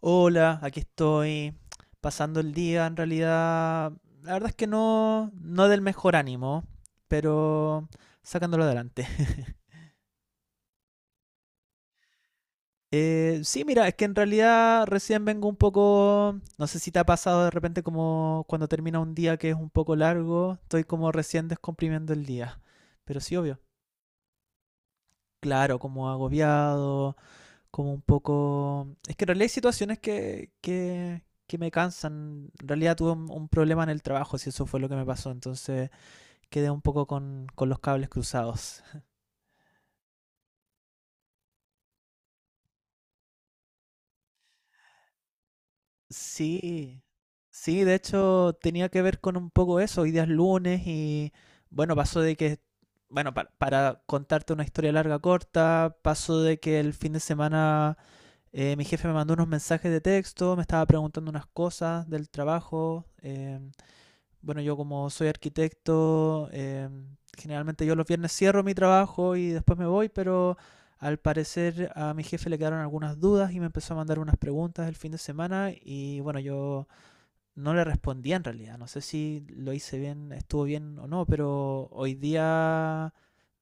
Hola, aquí estoy pasando el día. En realidad, la verdad es que no, no del mejor ánimo, pero sacándolo adelante. Sí, mira, es que en realidad recién vengo un poco, no sé si te ha pasado de repente como cuando termina un día que es un poco largo, estoy como recién descomprimiendo el día, pero sí, obvio. Claro, como agobiado, como un poco... Es que en realidad hay situaciones que me cansan. En realidad tuve un problema en el trabajo, si eso fue lo que me pasó. Entonces quedé un poco con los cables cruzados. Sí, sí, de hecho tenía que ver con un poco eso. Hoy día es lunes y bueno, pasó de que... Bueno, para contarte una historia larga corta, pasó de que el fin de semana mi jefe me mandó unos mensajes de texto, me estaba preguntando unas cosas del trabajo. Bueno, yo como soy arquitecto, generalmente yo los viernes cierro mi trabajo y después me voy, pero al parecer a mi jefe le quedaron algunas dudas y me empezó a mandar unas preguntas el fin de semana y bueno, yo no le respondía en realidad. No sé si lo hice bien, estuvo bien o no, pero hoy día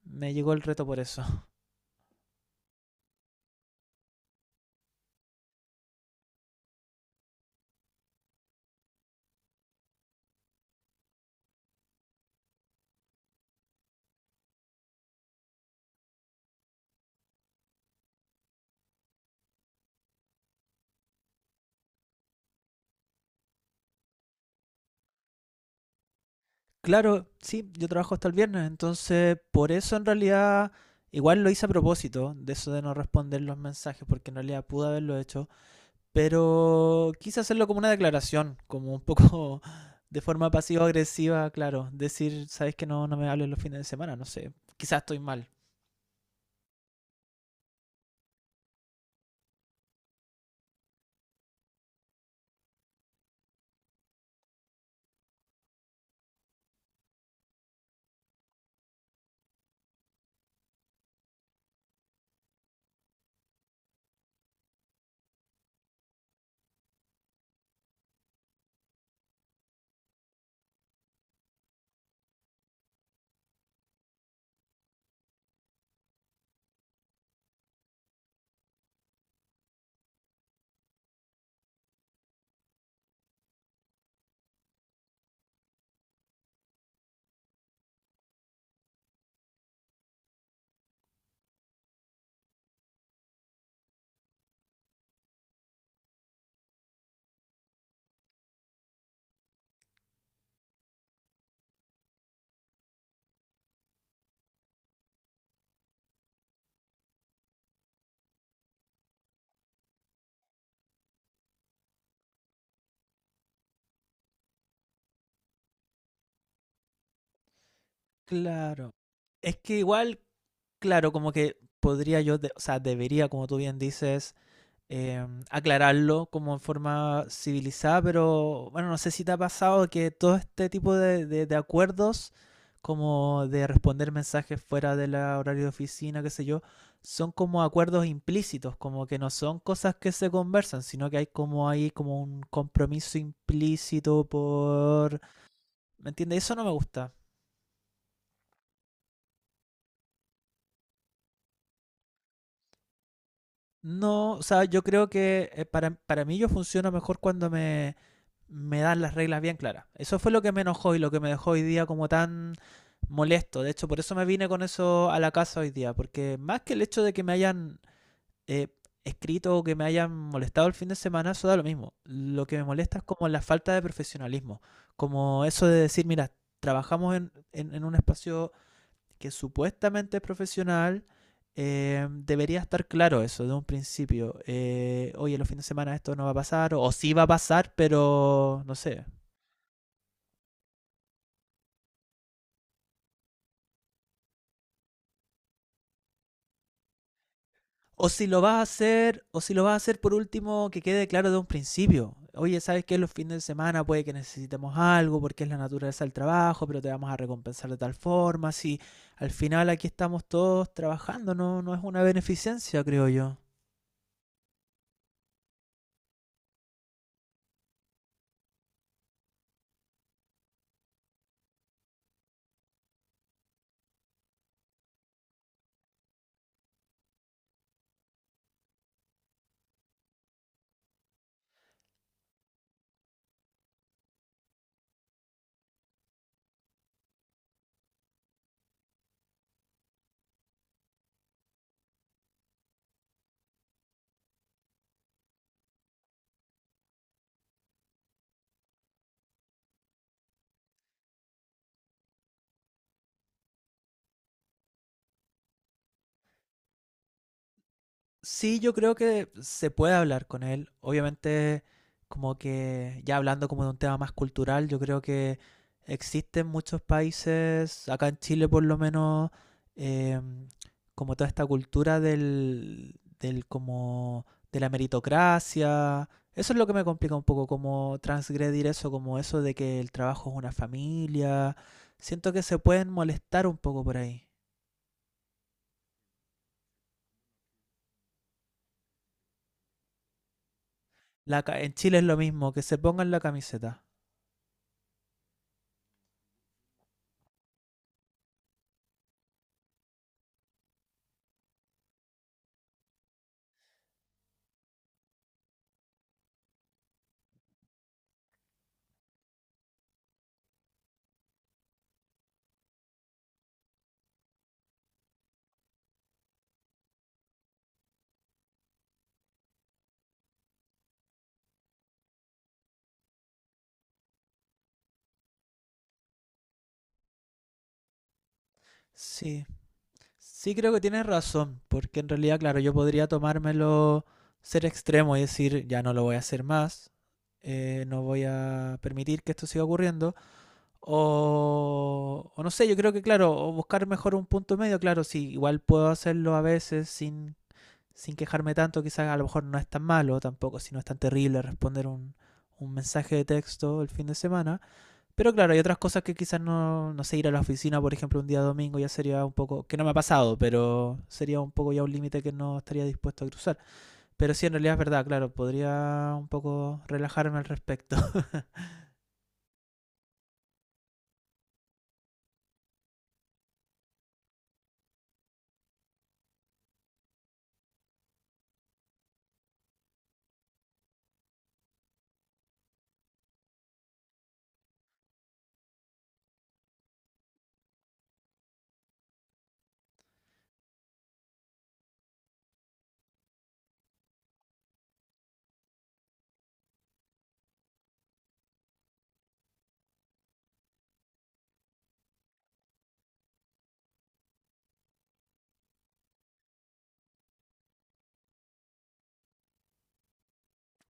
me llegó el reto por eso. Claro, sí, yo trabajo hasta el viernes, entonces por eso en realidad igual lo hice a propósito de eso de no responder los mensajes, porque en realidad pude haberlo hecho. Pero quise hacerlo como una declaración, como un poco de forma pasivo-agresiva, claro. Decir, sabes que no, no me hables los fines de semana, no sé. Quizás estoy mal. Claro. Es que igual, claro, como que podría yo, de- o sea, debería, como tú bien dices, aclararlo como en forma civilizada, pero bueno, no sé si te ha pasado que todo este tipo de acuerdos, como de responder mensajes fuera del horario de oficina, qué sé yo, son como acuerdos implícitos, como que no son cosas que se conversan, sino que hay como ahí como un compromiso implícito por... ¿Me entiendes? Eso no me gusta. No, o sea, yo creo que para mí yo funciono mejor cuando me dan las reglas bien claras. Eso fue lo que me enojó y lo que me dejó hoy día como tan molesto. De hecho, por eso me vine con eso a la casa hoy día, porque más que el hecho de que me hayan eh, escrito o que me hayan molestado el fin de semana, eso da lo mismo. Lo que me molesta es como la falta de profesionalismo, como eso de decir, mira, trabajamos en un espacio que supuestamente es profesional. Debería estar claro eso de un principio. Oye, los fines de semana esto no va a pasar, o sí va a pasar, pero no sé, o si lo vas a hacer, o si lo vas a hacer por último, que quede claro de un principio. Oye, ¿sabes qué? Los fines de semana puede que necesitemos algo porque es la naturaleza del trabajo, pero te vamos a recompensar de tal forma. Si al final aquí estamos todos trabajando, no, no es una beneficencia, creo yo. Sí, yo creo que se puede hablar con él. Obviamente, como que ya hablando como de un tema más cultural, yo creo que existen muchos países, acá en Chile por lo menos, em, como toda esta cultura del como de la meritocracia. Eso es lo que me complica un poco, como transgredir eso, como eso de que el trabajo es una familia. Siento que se pueden molestar un poco por ahí. La ca- en Chile es lo mismo, que se pongan la camiseta. Sí, sí creo que tienes razón, porque en realidad, claro, yo podría tomármelo, ser extremo y decir, ya no lo voy a hacer más, no voy a permitir que esto siga ocurriendo, o no sé, yo creo que, claro, o buscar mejor un punto medio, claro, sí, igual puedo hacerlo a veces sin, sin quejarme tanto, quizás a lo mejor no es tan malo tampoco, si no es tan terrible responder un mensaje de texto el fin de semana. Pero claro, hay otras cosas que quizás no, no sé, ir a la oficina, por ejemplo, un día domingo ya sería un poco, que no me ha pasado, pero sería un poco ya un límite que no estaría dispuesto a cruzar. Pero sí, en realidad es verdad, claro, podría un poco relajarme al respecto.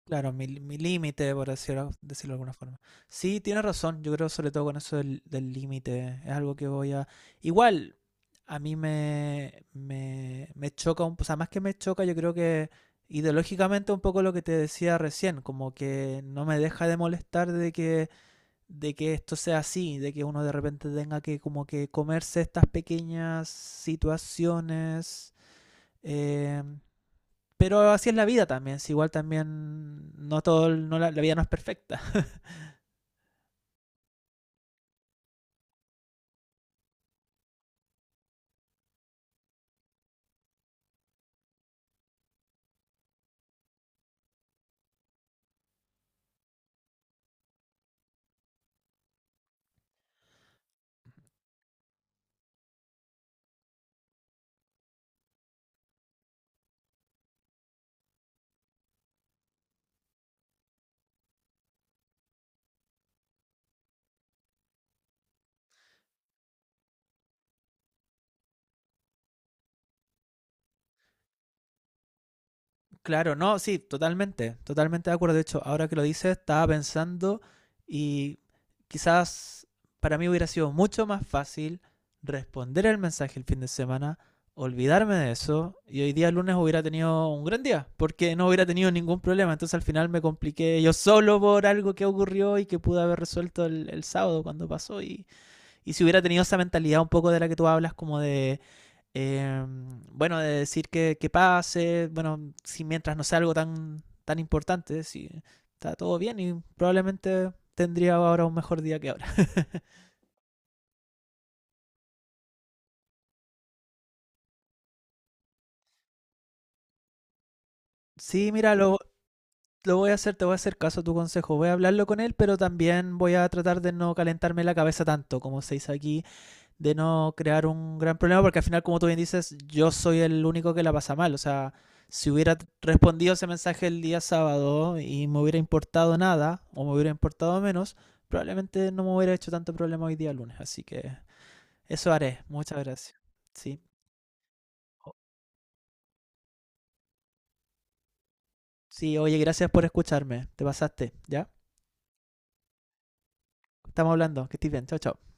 Claro, mi límite, por decirlo, decirlo de alguna forma. Sí, tienes razón, yo creo sobre todo con eso del límite, es algo que voy a... Igual, a mí me choca, un- o sea, más que me choca, yo creo que ideológicamente un poco lo que te decía recién, como que no me deja de molestar de que esto sea así, de que uno de repente tenga que como que comerse estas pequeñas situaciones. eh, pero así es la vida también, si igual también no todo, el- no la vida no es perfecta. Claro, no, sí, totalmente, totalmente de acuerdo. De hecho, ahora que lo dices, estaba pensando y quizás para mí hubiera sido mucho más fácil responder el mensaje el fin de semana, olvidarme de eso y hoy día lunes hubiera tenido un gran día porque no hubiera tenido ningún problema. Entonces al final me compliqué yo solo por algo que ocurrió y que pude haber resuelto el sábado cuando pasó. Y si hubiera tenido esa mentalidad un poco de la que tú hablas, como de eh, bueno, de decir que pase, bueno, si mientras no sea algo tan, tan importante, si está todo bien y probablemente tendría ahora un mejor día que ahora. Sí, mira, lo voy a hacer, te voy a hacer caso a tu consejo, voy a hablarlo con él, pero también voy a tratar de no calentarme la cabeza tanto, como se dice aquí, de no crear un gran problema, porque al final, como tú bien dices, yo soy el único que la pasa mal. O sea, si hubiera respondido ese mensaje el día sábado y me hubiera importado nada, o me hubiera importado menos, probablemente no me hubiera hecho tanto problema hoy día lunes. Así que eso haré. Muchas gracias. Sí. Sí, oye, gracias por escucharme. Te pasaste, ¿ya? Estamos hablando. Que estés bien. Chao, chao.